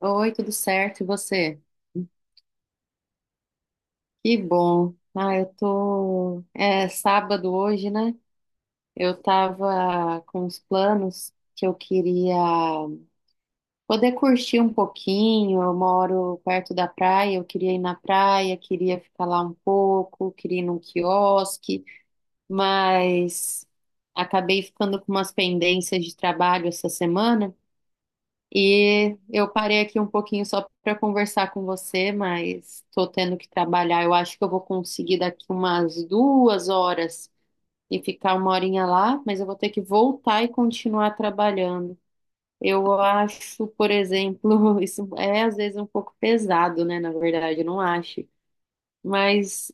Oi, tudo certo? E você? Que bom. Ah, eu tô. É sábado hoje, né? Eu tava com os planos que eu queria poder curtir um pouquinho. Eu moro perto da praia, eu queria ir na praia, queria ficar lá um pouco, queria ir num quiosque, mas acabei ficando com umas pendências de trabalho essa semana. E eu parei aqui um pouquinho só para conversar com você, mas estou tendo que trabalhar. Eu acho que eu vou conseguir daqui umas 2 horas e ficar uma horinha lá, mas eu vou ter que voltar e continuar trabalhando. Eu acho, por exemplo, isso é às vezes um pouco pesado, né? Na verdade, eu não acho. Mas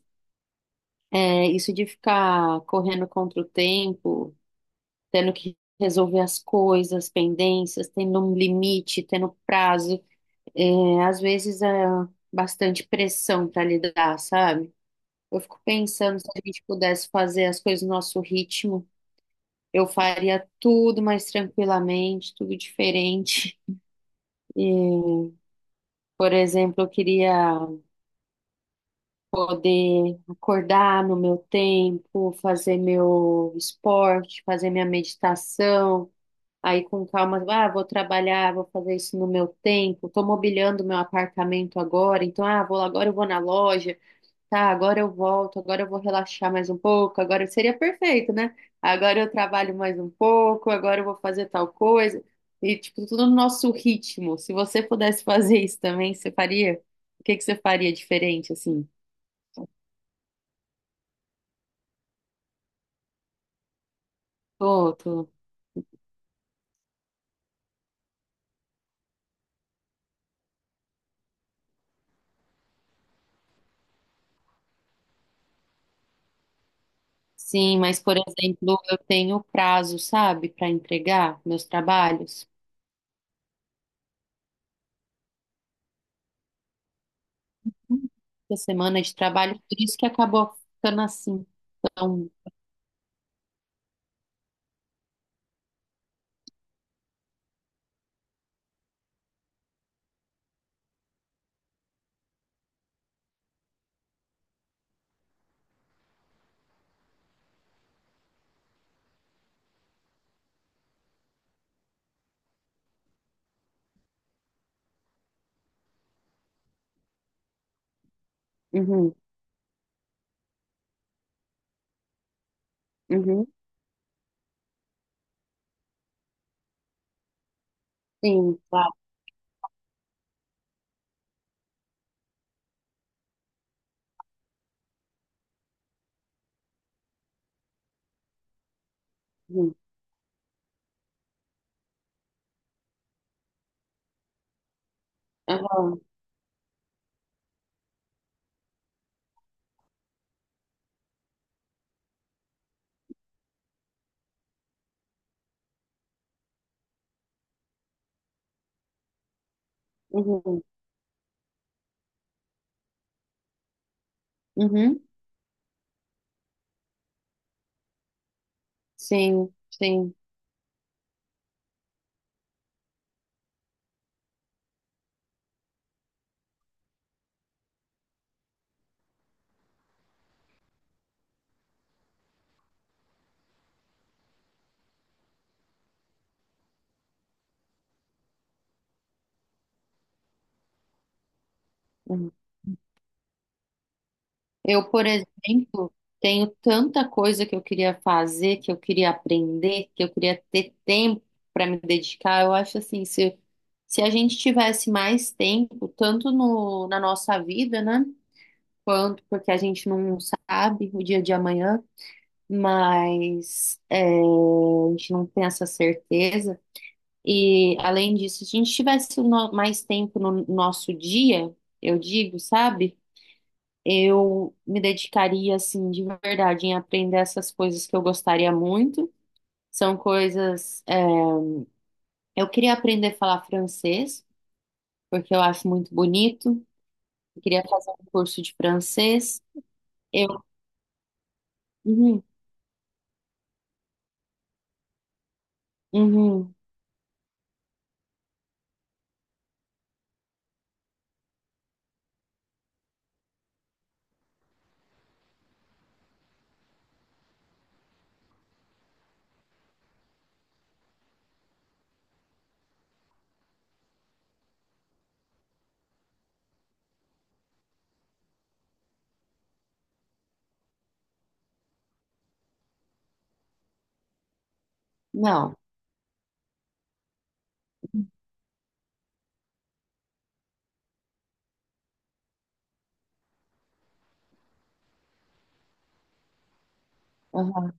isso de ficar correndo contra o tempo, tendo que resolver as coisas, pendências, tendo um limite, tendo prazo. É, às vezes é bastante pressão para lidar, sabe? Eu fico pensando se a gente pudesse fazer as coisas no nosso ritmo, eu faria tudo mais tranquilamente, tudo diferente. E, por exemplo, eu queria poder acordar no meu tempo, fazer meu esporte, fazer minha meditação. Aí com calma, ah, vou trabalhar, vou fazer isso no meu tempo. Estou mobiliando meu apartamento agora, então, ah, vou agora eu vou na loja. Tá, agora eu volto, agora eu vou relaxar mais um pouco, agora seria perfeito, né? Agora eu trabalho mais um pouco, agora eu vou fazer tal coisa. E, tipo, tudo no nosso ritmo. Se você pudesse fazer isso também, você faria? O que que você faria diferente, assim? Tô, tô. Sim, mas, por exemplo, eu tenho prazo, sabe, para entregar meus trabalhos. Essa semana de trabalho, por isso que acabou ficando assim. Então, uhum, uhum, sim, claro. Uhum, aham, uhum, uhum. Sim, sim. Uhum. Eu, por exemplo, tenho tanta coisa que eu queria fazer, que eu queria aprender, que eu queria ter tempo para me dedicar. Eu acho assim, se a gente tivesse mais tempo, tanto no, na nossa vida, né? Quanto porque a gente não sabe o dia de amanhã, mas a gente não tem essa certeza. E além disso, se a gente tivesse mais tempo no nosso dia, eu digo, sabe? Eu me dedicaria, assim, de verdade, em aprender essas coisas que eu gostaria muito. São coisas. Eu queria aprender a falar francês, porque eu acho muito bonito. Eu queria fazer um curso de francês. Eu. Uhum, uhum, não. Aham,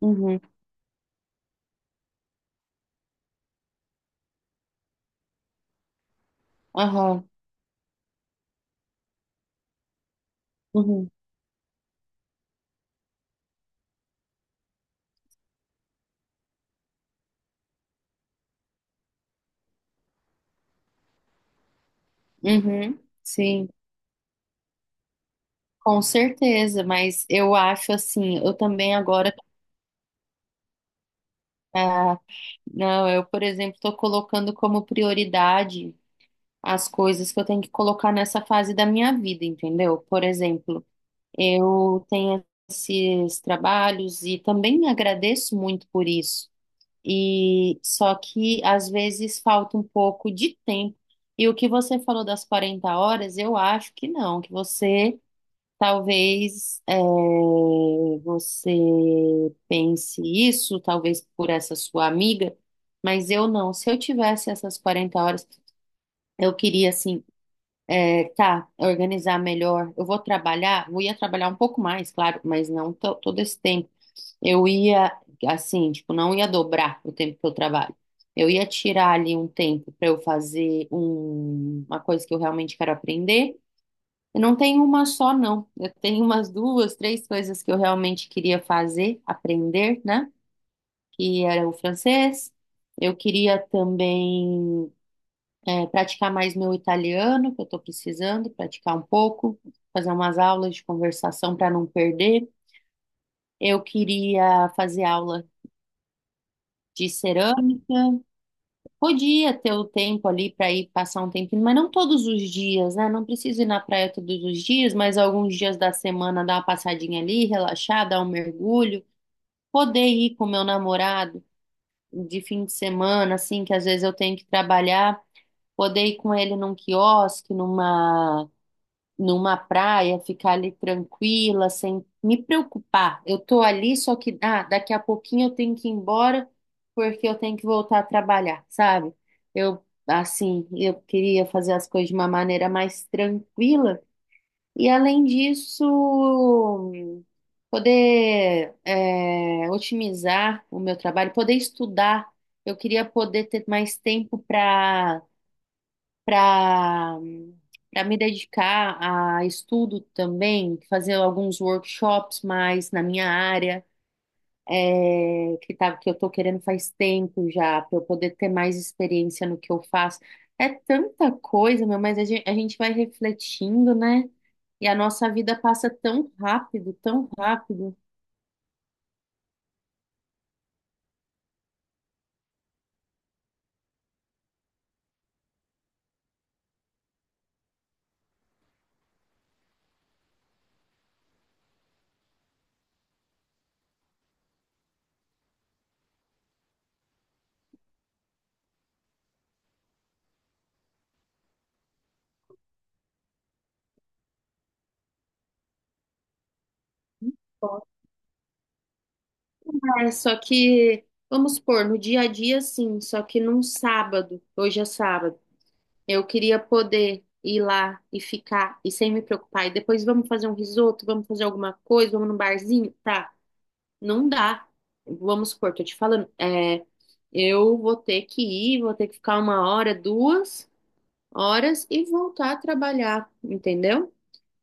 uhum, aham, uhum, uhum, sim, com certeza, mas eu acho assim, eu também agora, ah, não, eu, por exemplo, estou colocando como prioridade as coisas que eu tenho que colocar nessa fase da minha vida, entendeu? Por exemplo, eu tenho esses trabalhos e também agradeço muito por isso. E só que às vezes falta um pouco de tempo. E o que você falou das 40 horas, eu acho que não, que você talvez você pense isso, talvez por essa sua amiga, mas eu não. Se eu tivesse essas 40 horas, eu queria assim organizar melhor. Eu vou trabalhar, eu ia trabalhar um pouco mais, claro, mas não todo esse tempo. Eu ia, assim, tipo, não ia dobrar o tempo que eu trabalho. Eu ia tirar ali um tempo para eu fazer uma coisa que eu realmente quero aprender. Eu não tenho uma só, não. Eu tenho umas duas, três coisas que eu realmente queria fazer, aprender, né? Que era o francês. Eu queria também praticar mais meu italiano, que eu estou precisando praticar um pouco, fazer umas aulas de conversação para não perder. Eu queria fazer aula de cerâmica. Podia ter o tempo ali para ir passar um tempinho, mas não todos os dias, né? Não preciso ir na praia todos os dias, mas alguns dias da semana dar uma passadinha ali, relaxar, dar um mergulho. Poder ir com meu namorado de fim de semana, assim, que às vezes eu tenho que trabalhar, poder ir com ele num quiosque, numa praia, ficar ali tranquila, sem me preocupar. Eu tô ali, só que daqui a pouquinho eu tenho que ir embora porque eu tenho que voltar a trabalhar, sabe? Eu assim, eu queria fazer as coisas de uma maneira mais tranquila e além disso, poder otimizar o meu trabalho, poder estudar. Eu queria poder ter mais tempo para para me dedicar a estudo também, fazer alguns workshops mais na minha área, que eu estou querendo faz tempo já, para eu poder ter mais experiência no que eu faço. É tanta coisa, meu, mas a gente vai refletindo, né? E a nossa vida passa tão rápido, tão rápido. É, só que, vamos supor, no dia a dia, sim, só que num sábado, hoje é sábado. Eu queria poder ir lá e ficar e sem me preocupar. E depois vamos fazer um risoto, vamos fazer alguma coisa, vamos num barzinho? Tá, não dá. Vamos supor, tô te falando, eu vou ter que ir, vou ter que ficar 1 hora, 2 horas e voltar a trabalhar, entendeu?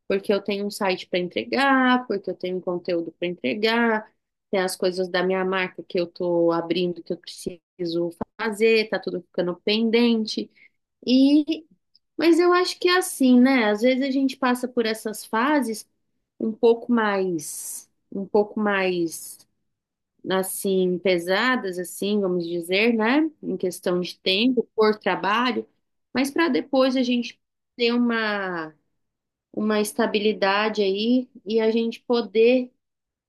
Porque eu tenho um site para entregar, porque eu tenho um conteúdo para entregar, tem as coisas da minha marca que eu tô abrindo que eu preciso fazer, tá tudo ficando pendente. E mas eu acho que é assim, né? Às vezes a gente passa por essas fases um pouco mais, assim, pesadas, assim, vamos dizer, né? Em questão de tempo, por trabalho, mas para depois a gente ter uma estabilidade aí e a gente poder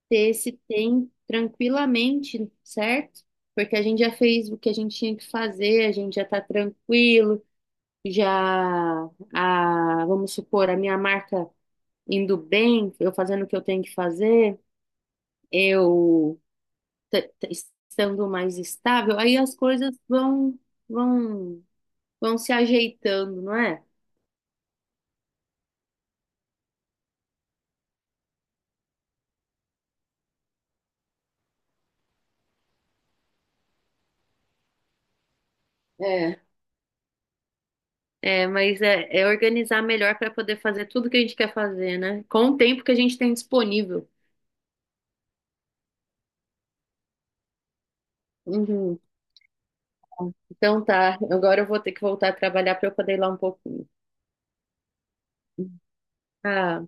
ter esse tempo tranquilamente, certo? Porque a gente já fez o que a gente tinha que fazer, a gente já tá tranquilo já. Vamos supor, a minha marca indo bem, eu fazendo o que eu tenho que fazer, eu te- te- estando mais estável, aí as coisas vão vão se ajeitando, não é? É, é, mas é organizar melhor para poder fazer tudo que a gente quer fazer, né? Com o tempo que a gente tem disponível. Uhum. Então tá, agora eu vou ter que voltar a trabalhar para eu poder ir lá um pouquinho. Ah.